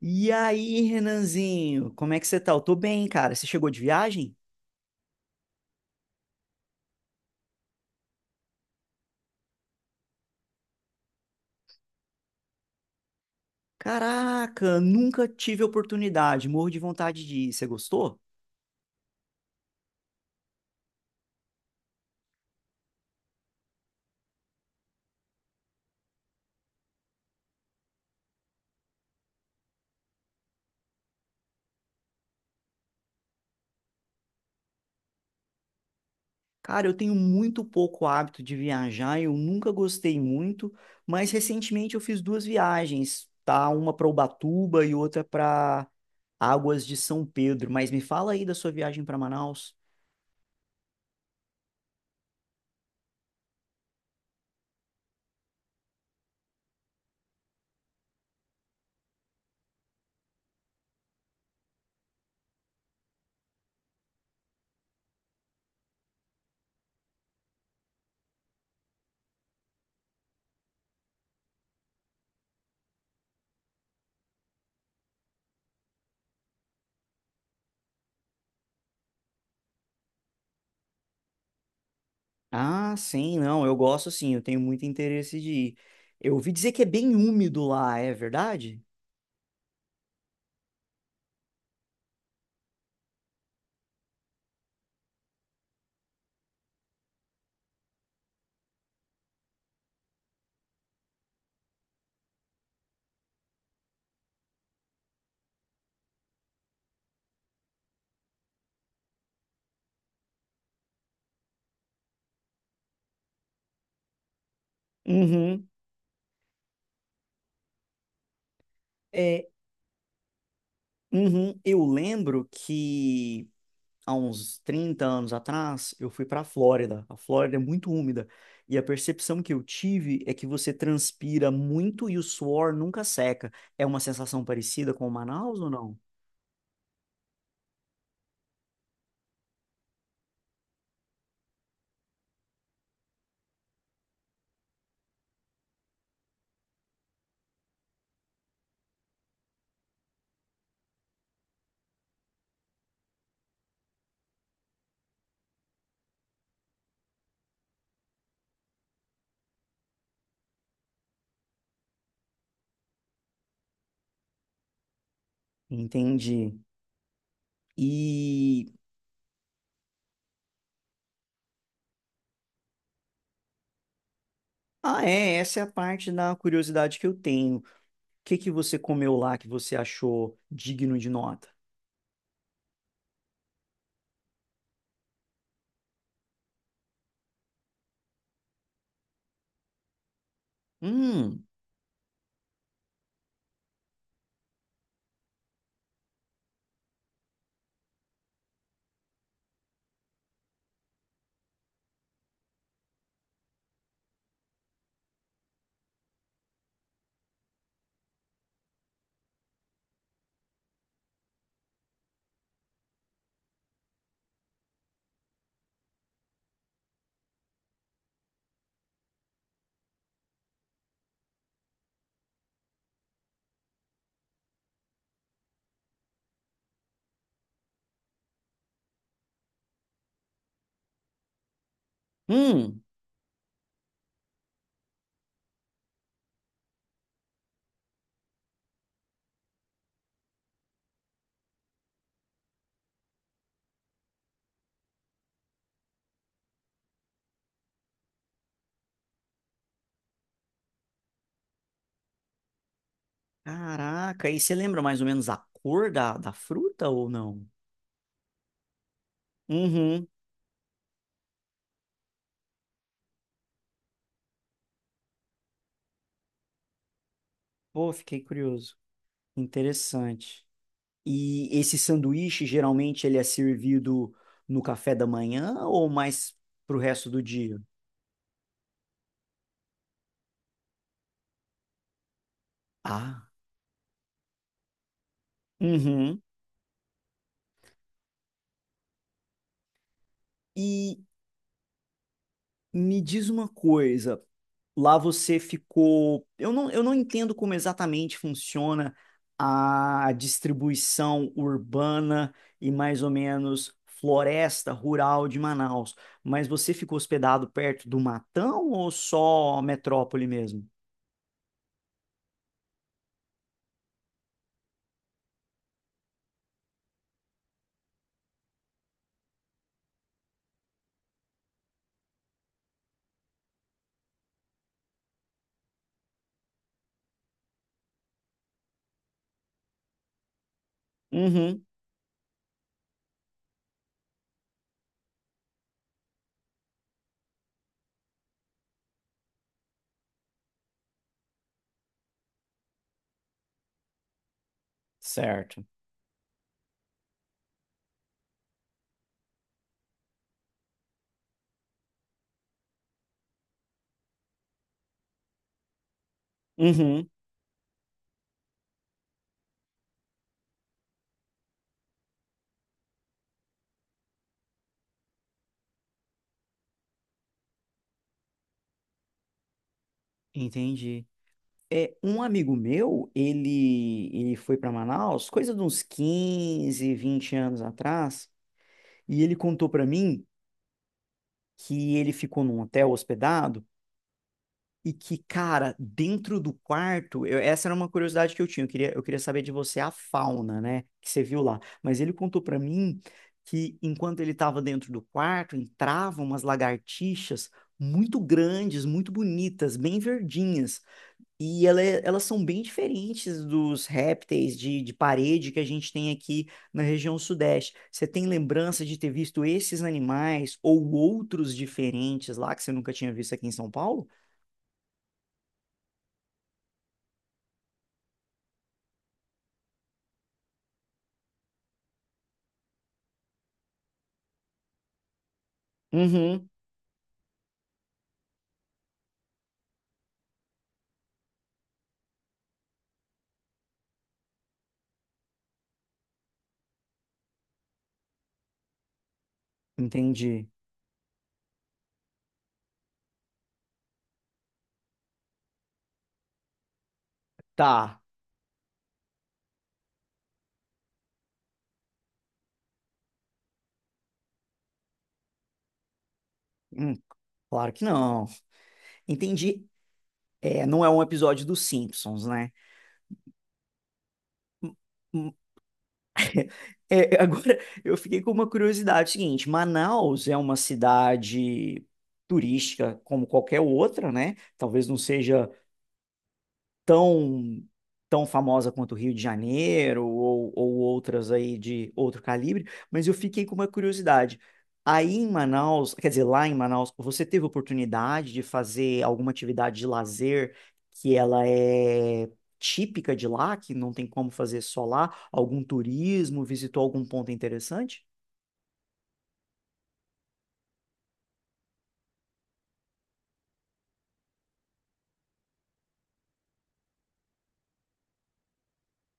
E aí, Renanzinho, como é que você tá? Eu tô bem, cara. Você chegou de viagem? Caraca, nunca tive oportunidade. Morro de vontade de ir. Você gostou? Cara, eu tenho muito pouco hábito de viajar, eu nunca gostei muito, mas recentemente eu fiz duas viagens, tá? Uma pra Ubatuba e outra pra Águas de São Pedro. Mas me fala aí da sua viagem pra Manaus. Ah, sim, não, eu gosto sim, eu tenho muito interesse de ir. Eu ouvi dizer que é bem úmido lá, é verdade? Uhum. É, uhum, eu lembro que há uns 30 anos atrás eu fui para a Flórida. A Flórida é muito úmida e a percepção que eu tive é que você transpira muito e o suor nunca seca. É uma sensação parecida com Manaus ou não? Entendi. E essa é a parte da curiosidade que eu tenho. O que que você comeu lá que você achou digno de nota? Hum. Hum. Caraca, e você lembra mais ou menos a cor da fruta ou não? Uhum. Pô, fiquei curioso. Interessante. E esse sanduíche, geralmente, ele é servido no café da manhã ou mais pro resto do dia? Ah. Uhum. E me diz uma coisa. Lá você ficou. Eu não entendo como exatamente funciona a distribuição urbana e mais ou menos floresta rural de Manaus, mas você ficou hospedado perto do Matão ou só metrópole mesmo? Uhum. Certo. Uhum. Entendi. É, um amigo meu, ele foi para Manaus, coisa de uns 15 ou 20 anos atrás, e ele contou para mim que ele ficou num hotel hospedado. E que, cara, dentro do quarto, essa era uma curiosidade que eu tinha. Eu queria saber de você a fauna, né? Que você viu lá. Mas ele contou pra mim que enquanto ele estava dentro do quarto, entravam umas lagartixas muito grandes, muito bonitas, bem verdinhas. E elas são bem diferentes dos répteis de parede que a gente tem aqui na região sudeste. Você tem lembrança de ter visto esses animais ou outros diferentes lá que você nunca tinha visto aqui em São Paulo? Uhum. Entendi. Tá. Hum, claro que não. Entendi. É, não é um episódio dos Simpsons, né? Hum. Hum. É, agora, eu fiquei com uma curiosidade seguinte: Manaus é uma cidade turística como qualquer outra, né? Talvez não seja tão tão famosa quanto o Rio de Janeiro ou outras aí de outro calibre, mas eu fiquei com uma curiosidade. Aí em Manaus, quer dizer, lá em Manaus, você teve oportunidade de fazer alguma atividade de lazer que ela é típica de lá, que não tem como fazer só lá? Algum turismo? Visitou algum ponto interessante?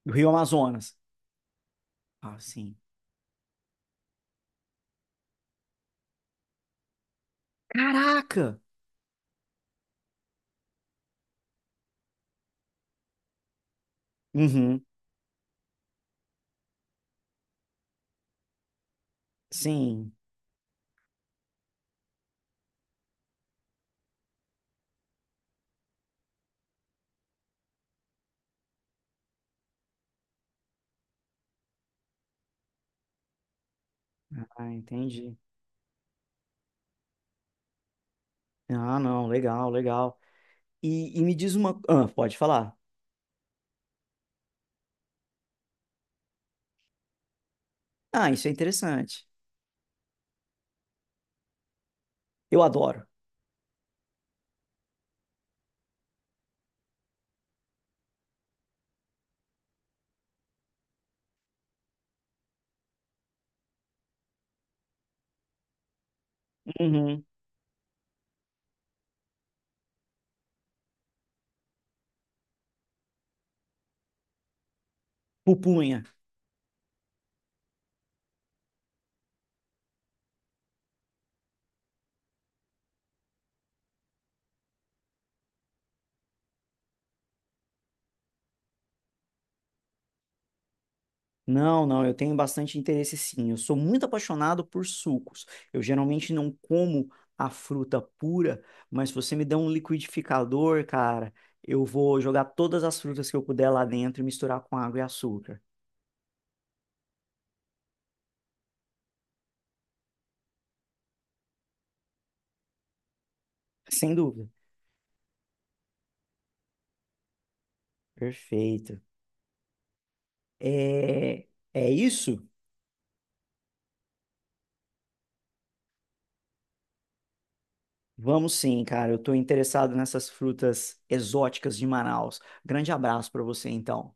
Do Rio Amazonas. Ah, sim. Caraca! Uhum. Sim. Ah, entendi. Ah, não, legal, legal. E me diz uma. Ah, pode falar. Ah, isso é interessante. Eu adoro. Uhum. Pupunha. Não, não, eu tenho bastante interesse sim. Eu sou muito apaixonado por sucos. Eu geralmente não como a fruta pura, mas se você me der um liquidificador, cara, eu vou jogar todas as frutas que eu puder lá dentro e misturar com água e açúcar. Sem dúvida. Perfeito. É, é isso? Vamos sim, cara. Eu tô interessado nessas frutas exóticas de Manaus. Grande abraço para você, então.